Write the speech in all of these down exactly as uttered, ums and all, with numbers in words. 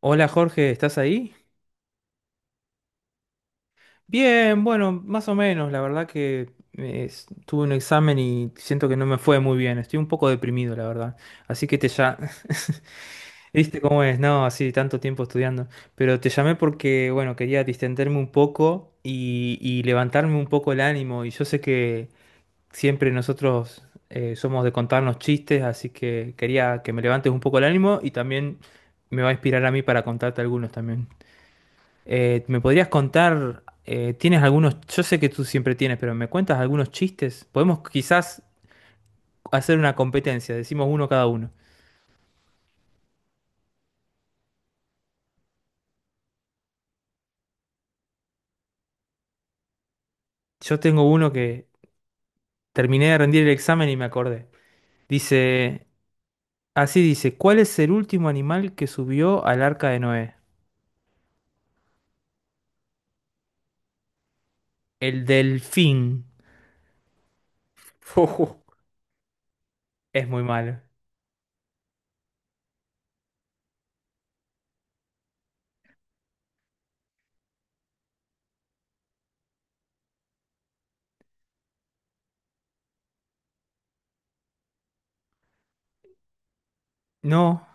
Hola Jorge, ¿estás ahí? Bien, bueno, más o menos. La verdad que eh, s- tuve un examen y siento que no me fue muy bien. Estoy un poco deprimido, la verdad. Así que te ya... ¿Viste cómo es? No, así tanto tiempo estudiando. Pero te llamé porque, bueno, quería distenderme un poco y, y levantarme un poco el ánimo. Y yo sé que siempre nosotros eh, somos de contarnos chistes, así que quería que me levantes un poco el ánimo y también me va a inspirar a mí para contarte algunos también. Eh, ¿me podrías contar, eh, tienes algunos, yo sé que tú siempre tienes, pero ¿me cuentas algunos chistes? Podemos quizás hacer una competencia, decimos uno cada uno. Yo tengo uno que terminé de rendir el examen y me acordé. Dice, así dice, ¿cuál es el último animal que subió al arca de Noé? El delfín. Ujú, es muy malo. No,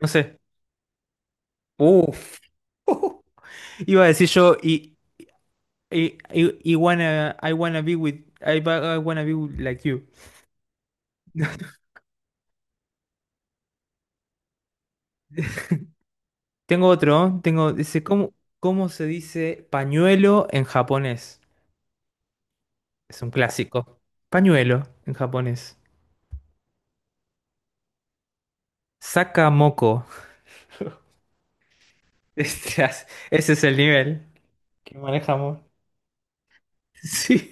no sé. Uf. Iba a decir yo, y, y, y- I wanna, I wanna be with, I, ba- I wanna be like you. Tengo otro, tengo, dice, ¿cómo, ¿cómo se dice pañuelo en japonés? Es un clásico. Pañuelo en japonés. Sakamoko. Estás- Ese es el nivel que manejamos. Sí.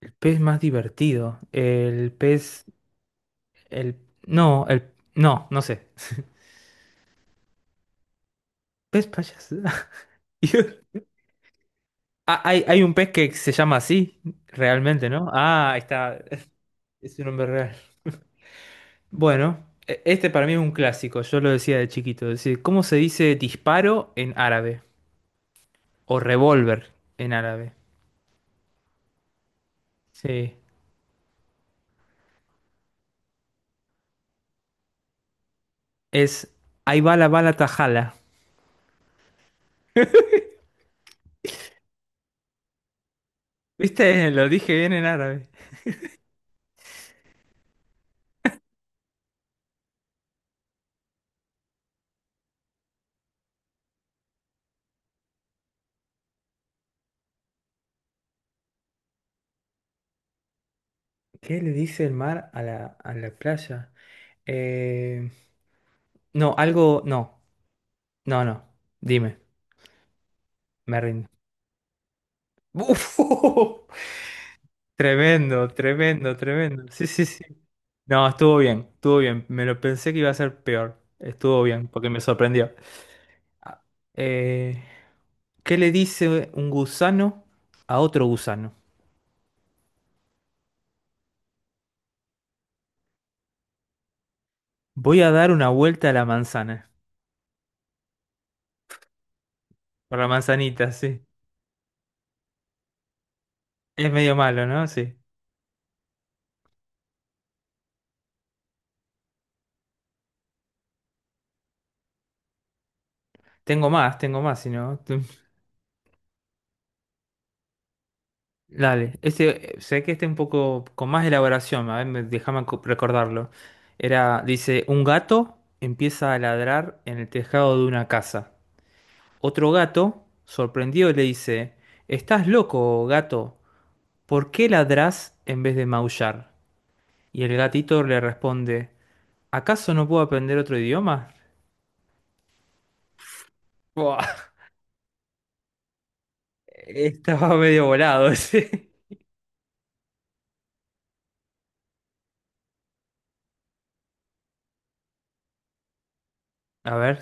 El pez más divertido. El pez. El. No, el. No, no sé. Pez payaso. Ah, hay, hay un pez que se llama así, realmente, ¿no? Ah, ahí está. Es un nombre real. Bueno, e- este para mí es un clásico, yo lo decía de chiquito. Es decir, ¿cómo se dice disparo en árabe? O revólver en árabe. Sí. Es ahí va la bala tajala. ¿Viste? Lo dije bien en árabe. ¿Qué le dice el mar a la, a la playa? Eh, no, algo. No, no, no. Dime, me rindo. Uf, Tremendo, tremendo, tremendo. Sí, sí, sí. No, estuvo bien, estuvo bien. Me lo pensé que iba a ser peor. Estuvo bien, porque me sorprendió. Ah, eh, ¿qué le dice un gusano a otro gusano? Voy a dar una vuelta a la manzana. Por la manzanita, sí. Es medio malo, ¿no? Sí. Tengo más, tengo más, si no. tú- Dale. Este, eh, sé que este un poco con más elaboración, a ver, me- déjame co- recordarlo. Era, dice, un gato empieza a ladrar en el tejado de una casa. Otro gato, sorprendido, le dice, ¿estás loco, gato? ¿Por qué ladrás en vez de maullar? Y el gatito le responde, ¿acaso no puedo aprender otro idioma? Buah, estaba medio volado ese. A ver.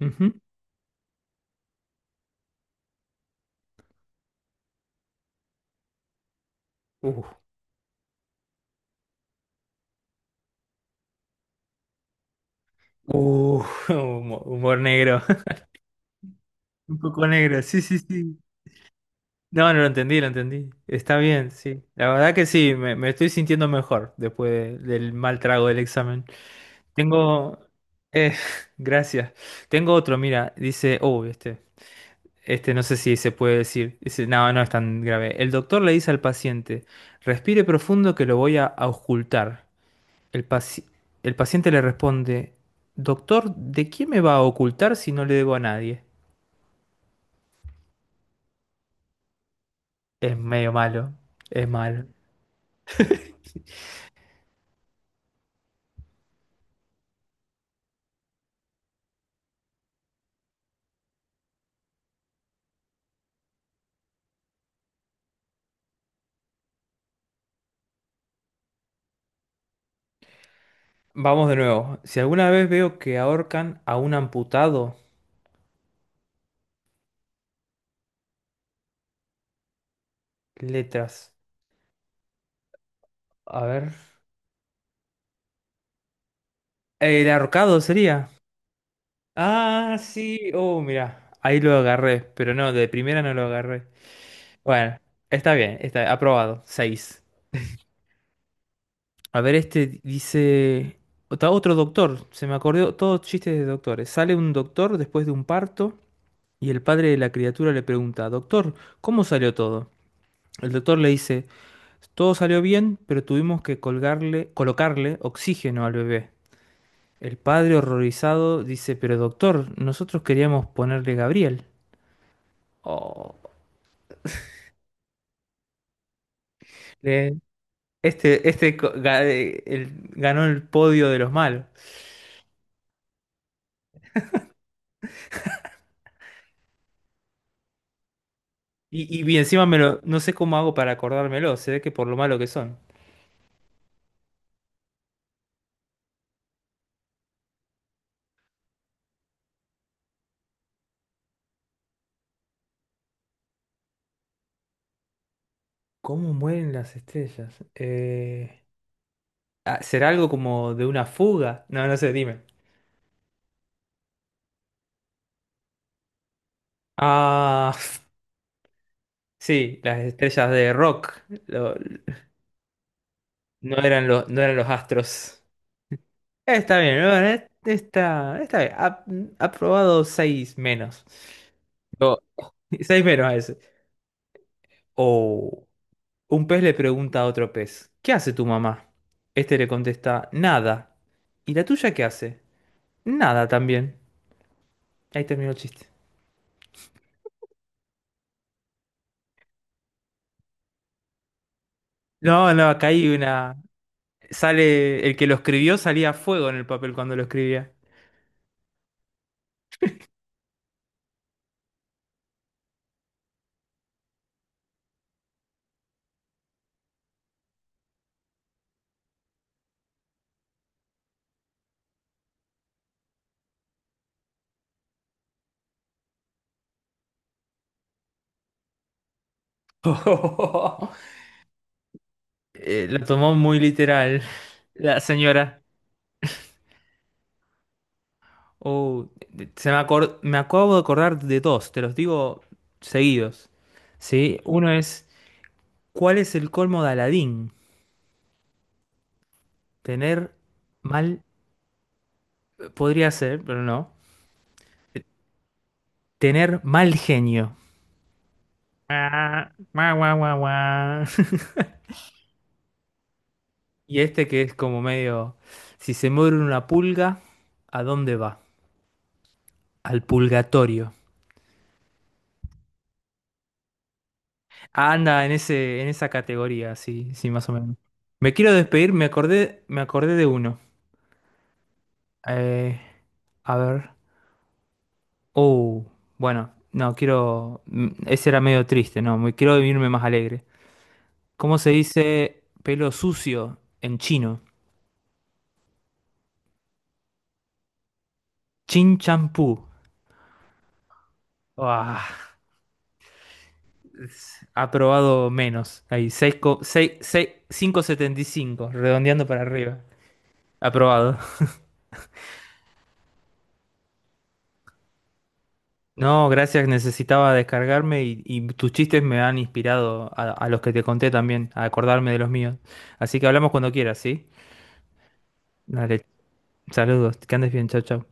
Ujú. Uh, uh, humo- humor negro. Un poco negro, sí, sí, sí. No, no lo entendí, lo entendí. Está bien, sí. La verdad que sí, me, me estoy sintiendo mejor después de- del mal trago del examen. Tengo... eh, gracias. Tengo otro, mira, dice... Oh, este. Este no sé si se puede decir. Dice, no, no es tan grave. El doctor le dice al paciente, respire profundo que lo voy a ocultar. El paci- el paciente le responde, doctor, ¿de quién me va a ocultar si no le debo a nadie? Es medio malo, es malo. Vamos de nuevo. Si alguna vez veo que ahorcan a un amputado, letras. A ver. El ahorcado sería. Ah, sí. Oh, mira. Ahí lo agarré, pero no, de primera no lo agarré. Bueno, está bien, está aprobado. Seis. A ver, este dice. Está otro doctor. Se me acordó todos chistes de doctores. Sale un doctor después de un parto y el padre de la criatura le pregunta, doctor, ¿cómo salió todo? El doctor le dice, todo salió bien, pero tuvimos que colgarle, colocarle oxígeno al bebé. El padre horrorizado dice, pero doctor, nosotros queríamos ponerle Gabriel. Oh. Le- Este, este co- ga- eh, el- ganó el podio de los malos. Y, y bien, encima me lo, no sé cómo hago para acordármelo, se ve que por lo malo que son. ¿Cómo mueren las estrellas? Eh, ah, ¿será algo como de una fuga? No, no sé, dime. Ah, sí, las estrellas de rock. lo- no eran los, no eran los astros. Está bien, bueno, eh, está, está bien. Ha, ha probado seis menos. No, seis menos a ese. Oh. Un pez le pregunta a otro pez, ¿qué hace tu mamá? Este le contesta, nada. ¿Y la tuya qué hace? Nada también. Ahí terminó el chiste. No, no, acá hay una... Sale... El que lo escribió salía a fuego en el papel cuando lo escribía. Eh, lo tomó muy literal la señora. Oh, se me, acor- me acabo de acordar de dos, te los digo seguidos. ¿Sí? Uno es, ¿cuál es el colmo de Aladín? Tener mal podría ser, pero no. Tener mal genio. Ah, guau, guau, guau, guau. Y este que es como medio, si se muere una pulga, ¿a dónde va? Al pulgatorio. Anda en ese, en esa categoría, sí, sí, más o menos. Me quiero despedir, me acordé, me acordé de uno. Eh, a ver. Oh, bueno, no, quiero. mm, Ese era medio triste, no, me quiero irme más alegre. ¿Cómo se dice pelo sucio en chino? Chin champú. Ah, es- aprobado menos. Ahí, seis coma setenta y cinco redondeando para arriba. Aprobado. No, gracias, necesitaba descargarme y, y tus chistes me han inspirado a, a los que te conté también, a acordarme de los míos. Así que hablamos cuando quieras, ¿sí? Dale, saludos, que andes bien, chao, chao.